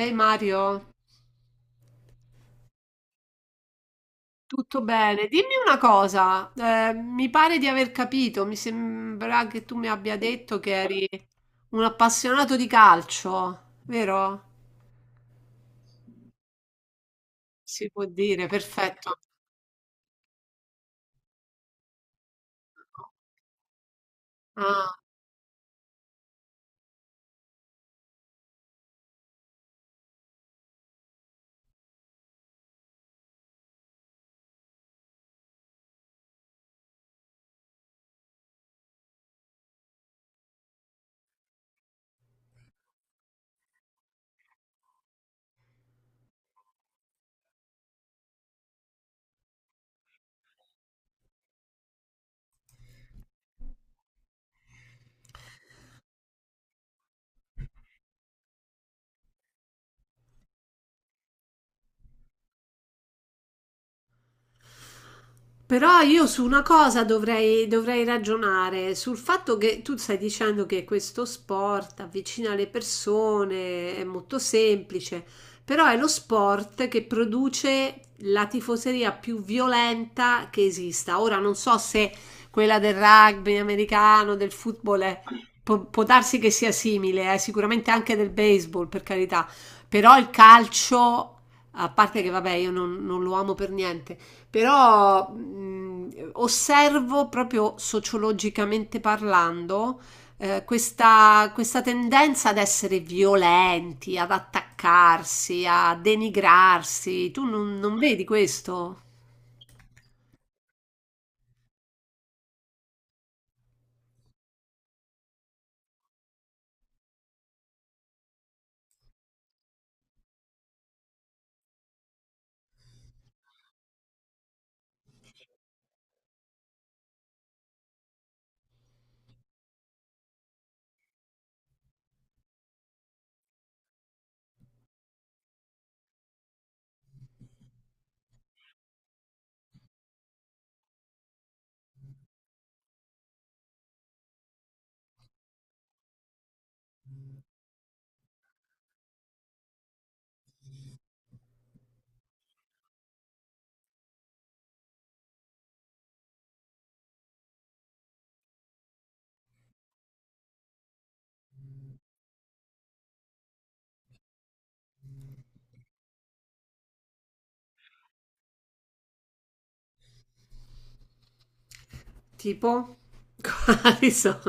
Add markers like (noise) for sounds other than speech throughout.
Ehi Mario, tutto bene? Dimmi una cosa, mi pare di aver capito, mi sembra che tu mi abbia detto che eri un appassionato di calcio, vero? Si può dire, perfetto. Ah. Però io su una cosa dovrei ragionare, sul fatto che tu stai dicendo che questo sport avvicina le persone, è molto semplice, però è lo sport che produce la tifoseria più violenta che esista. Ora non so se quella del rugby americano, del football, può, può darsi che sia simile, sicuramente anche del baseball, per carità, però il calcio, a parte che vabbè, io non lo amo per niente. Però osservo proprio sociologicamente parlando questa tendenza ad essere violenti, ad attaccarsi, a denigrarsi. Tu non vedi questo? Tipo? (laughs) Quali sono?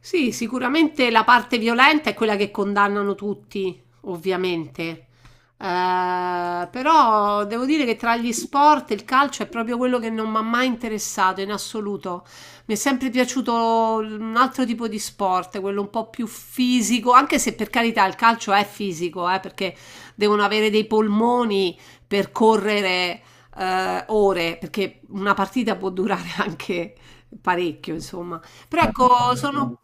Sì, sicuramente la parte violenta è quella che condannano tutti, ovviamente. Però devo dire che tra gli sport il calcio è proprio quello che non mi ha mai interessato in assoluto. Mi è sempre piaciuto un altro tipo di sport, quello un po' più fisico, anche se per carità il calcio è fisico, perché devono avere dei polmoni per correre ore, perché una partita può durare (laughs) anche parecchio, insomma. Però ecco, sono...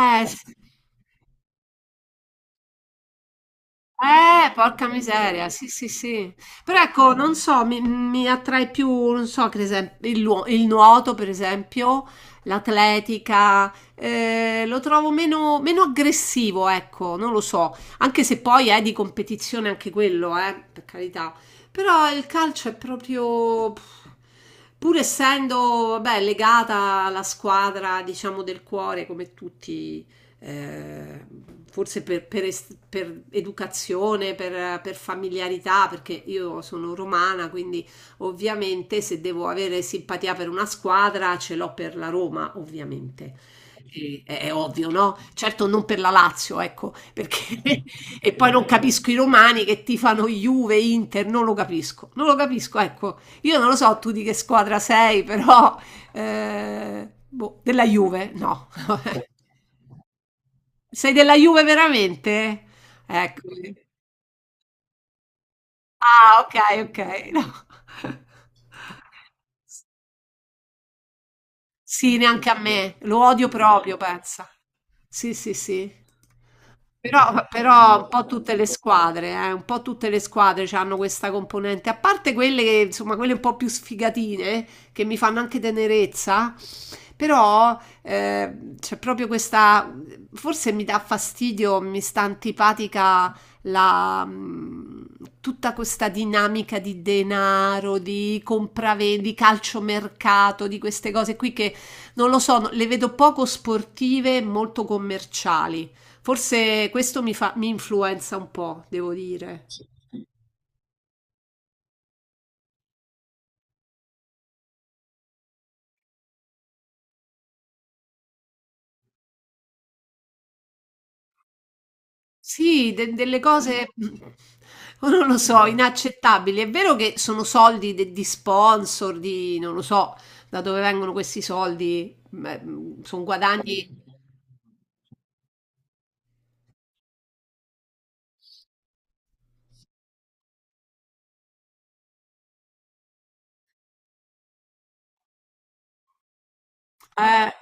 Eh, s- porca miseria, sì, sì, sì. Però ecco, non so, mi attrae più, non so, per esempio, il nuoto, per esempio, l'atletica, lo trovo meno aggressivo, ecco, non lo so. Anche se poi è di competizione anche quello, per carità. Però il calcio è proprio... pff, pur essendo, vabbè, legata alla squadra, diciamo, del cuore, come tutti eh, forse per educazione, per familiarità, perché io sono romana, quindi ovviamente se devo avere simpatia per una squadra ce l'ho per la Roma, ovviamente. È ovvio, no? Certo non per la Lazio, ecco, perché (laughs) e poi non capisco i romani che tifano Juve, Inter, non lo capisco, non lo capisco, ecco. Io non lo so tu di che squadra sei, però boh, della Juve, no. (laughs) Sei della Juve veramente? Ecco. Sì. Ah, okay, okay, no. (laughs) Sì, neanche a me. Lo odio proprio, pensa. Sì, sì, sì. Però un po' tutte le squadre, un po' tutte le squadre hanno questa componente, a parte quelle che, insomma, quelle un po' più sfigatine, che mi fanno anche tenerezza, però c'è proprio questa, forse mi dà fastidio, mi sta antipatica la, mm, tutta questa dinamica di denaro, di compravendita, di calciomercato, di queste cose qui non lo so, le vedo poco sportive, e molto commerciali. Forse questo mi fa, mi influenza un po', devo dire. Sì, delle cose, mm, non lo so, inaccettabili. È vero che sono soldi di sponsor, di non lo so da dove vengono questi soldi, sono guadagni. eh,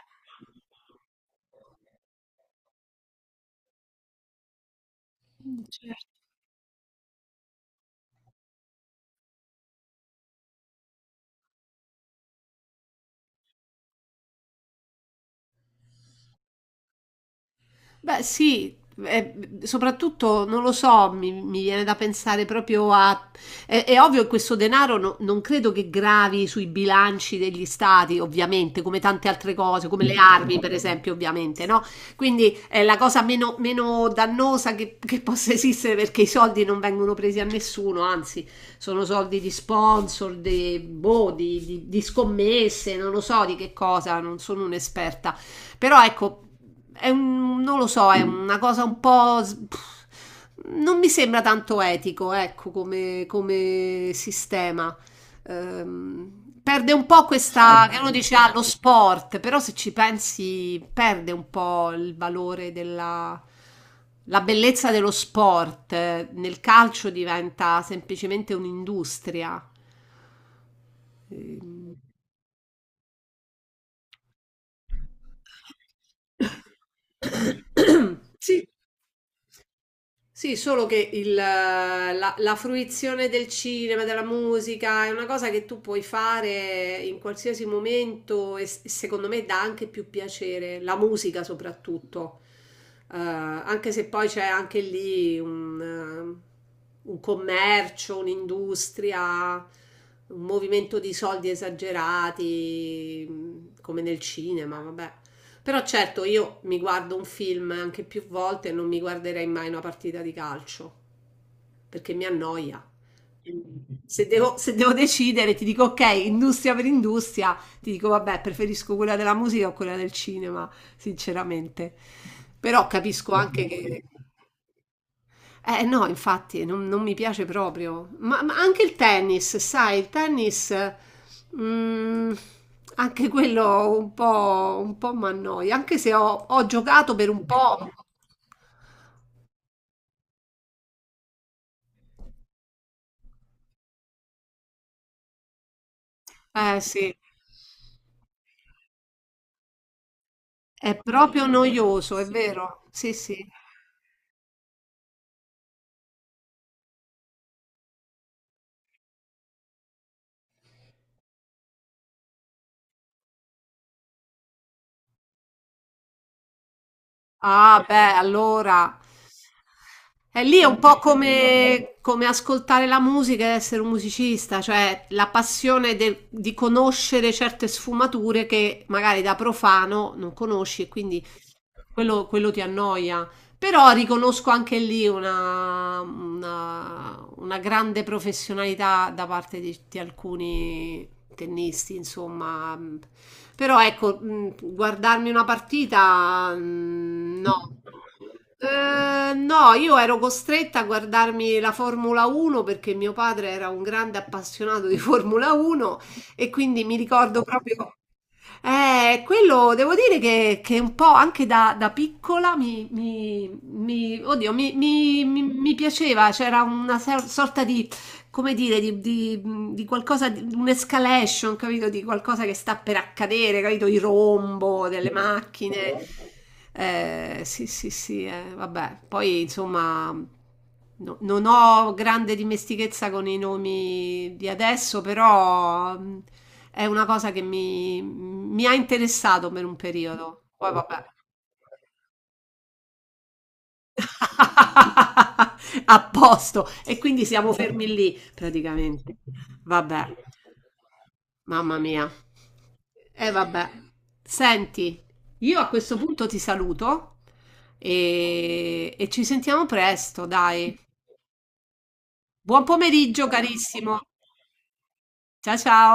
Beh, sì, eh, soprattutto non lo so, mi viene da pensare proprio a... È, è ovvio che questo denaro non credo che gravi sui bilanci degli stati, ovviamente, come tante altre cose, come le armi, per esempio, ovviamente, no? Quindi è la cosa meno dannosa che possa esistere perché i soldi non vengono presi a nessuno, anzi, sono soldi di sponsor, di, boh, di scommesse, non lo so di che cosa, non sono un'esperta. Però ecco, è un, non lo so, è una cosa un po'... pff, non mi sembra tanto etico, ecco, come sistema. Perde un po' questa... che uno dice, ah, lo sport, però se ci pensi perde un po' il valore della... La bellezza dello sport nel calcio diventa semplicemente un'industria. Ehm. (coughs) Sì, sì, solo che la fruizione del cinema, della musica, è una cosa che tu puoi fare in qualsiasi momento e secondo me dà anche più piacere, la musica soprattutto, eh, anche se poi c'è anche lì un commercio, un'industria, un movimento di soldi esagerati, come nel cinema, vabbè. Però certo, io mi guardo un film anche più volte e non mi guarderei mai una partita di calcio, perché mi annoia. Se devo decidere, ti dico ok, industria per industria, ti dico vabbè, preferisco quella della musica o quella del cinema, sinceramente. Però capisco anche che eh no, infatti non mi piace proprio. Ma anche il tennis, sai, il tennis, mm, anche quello un po' mi annoia, anche se ho giocato per un po'. Eh sì, è proprio noioso, è vero? Sì, sì. Ah, beh, allora. E lì è un po' come, come ascoltare la musica e essere un musicista, cioè la passione di conoscere certe sfumature che magari da profano non conosci e quindi quello ti annoia. Però riconosco anche lì una grande professionalità da parte di alcuni tennisti, insomma. Però ecco, guardarmi una partita, no. No, io ero costretta a guardarmi la Formula 1 perché mio padre era un grande appassionato di Formula 1 e quindi mi ricordo proprio. Quello devo dire che un po' anche da, da piccola oddio, mi piaceva, c'era una sorta di come dire, di qualcosa, di un'escalation, capito? Di qualcosa che sta per accadere, capito? Il rombo delle macchine. Sì, sì, sì, vabbè. Poi, insomma, non ho grande dimestichezza con i nomi di adesso, però è una cosa che mi ha interessato per un periodo. Poi, vabbè. (laughs) A posto. E quindi siamo fermi lì, praticamente. Vabbè. Mamma mia. E vabbè. Senti, io a questo punto ti saluto e ci sentiamo presto, dai. Buon pomeriggio, carissimo. Ciao ciao.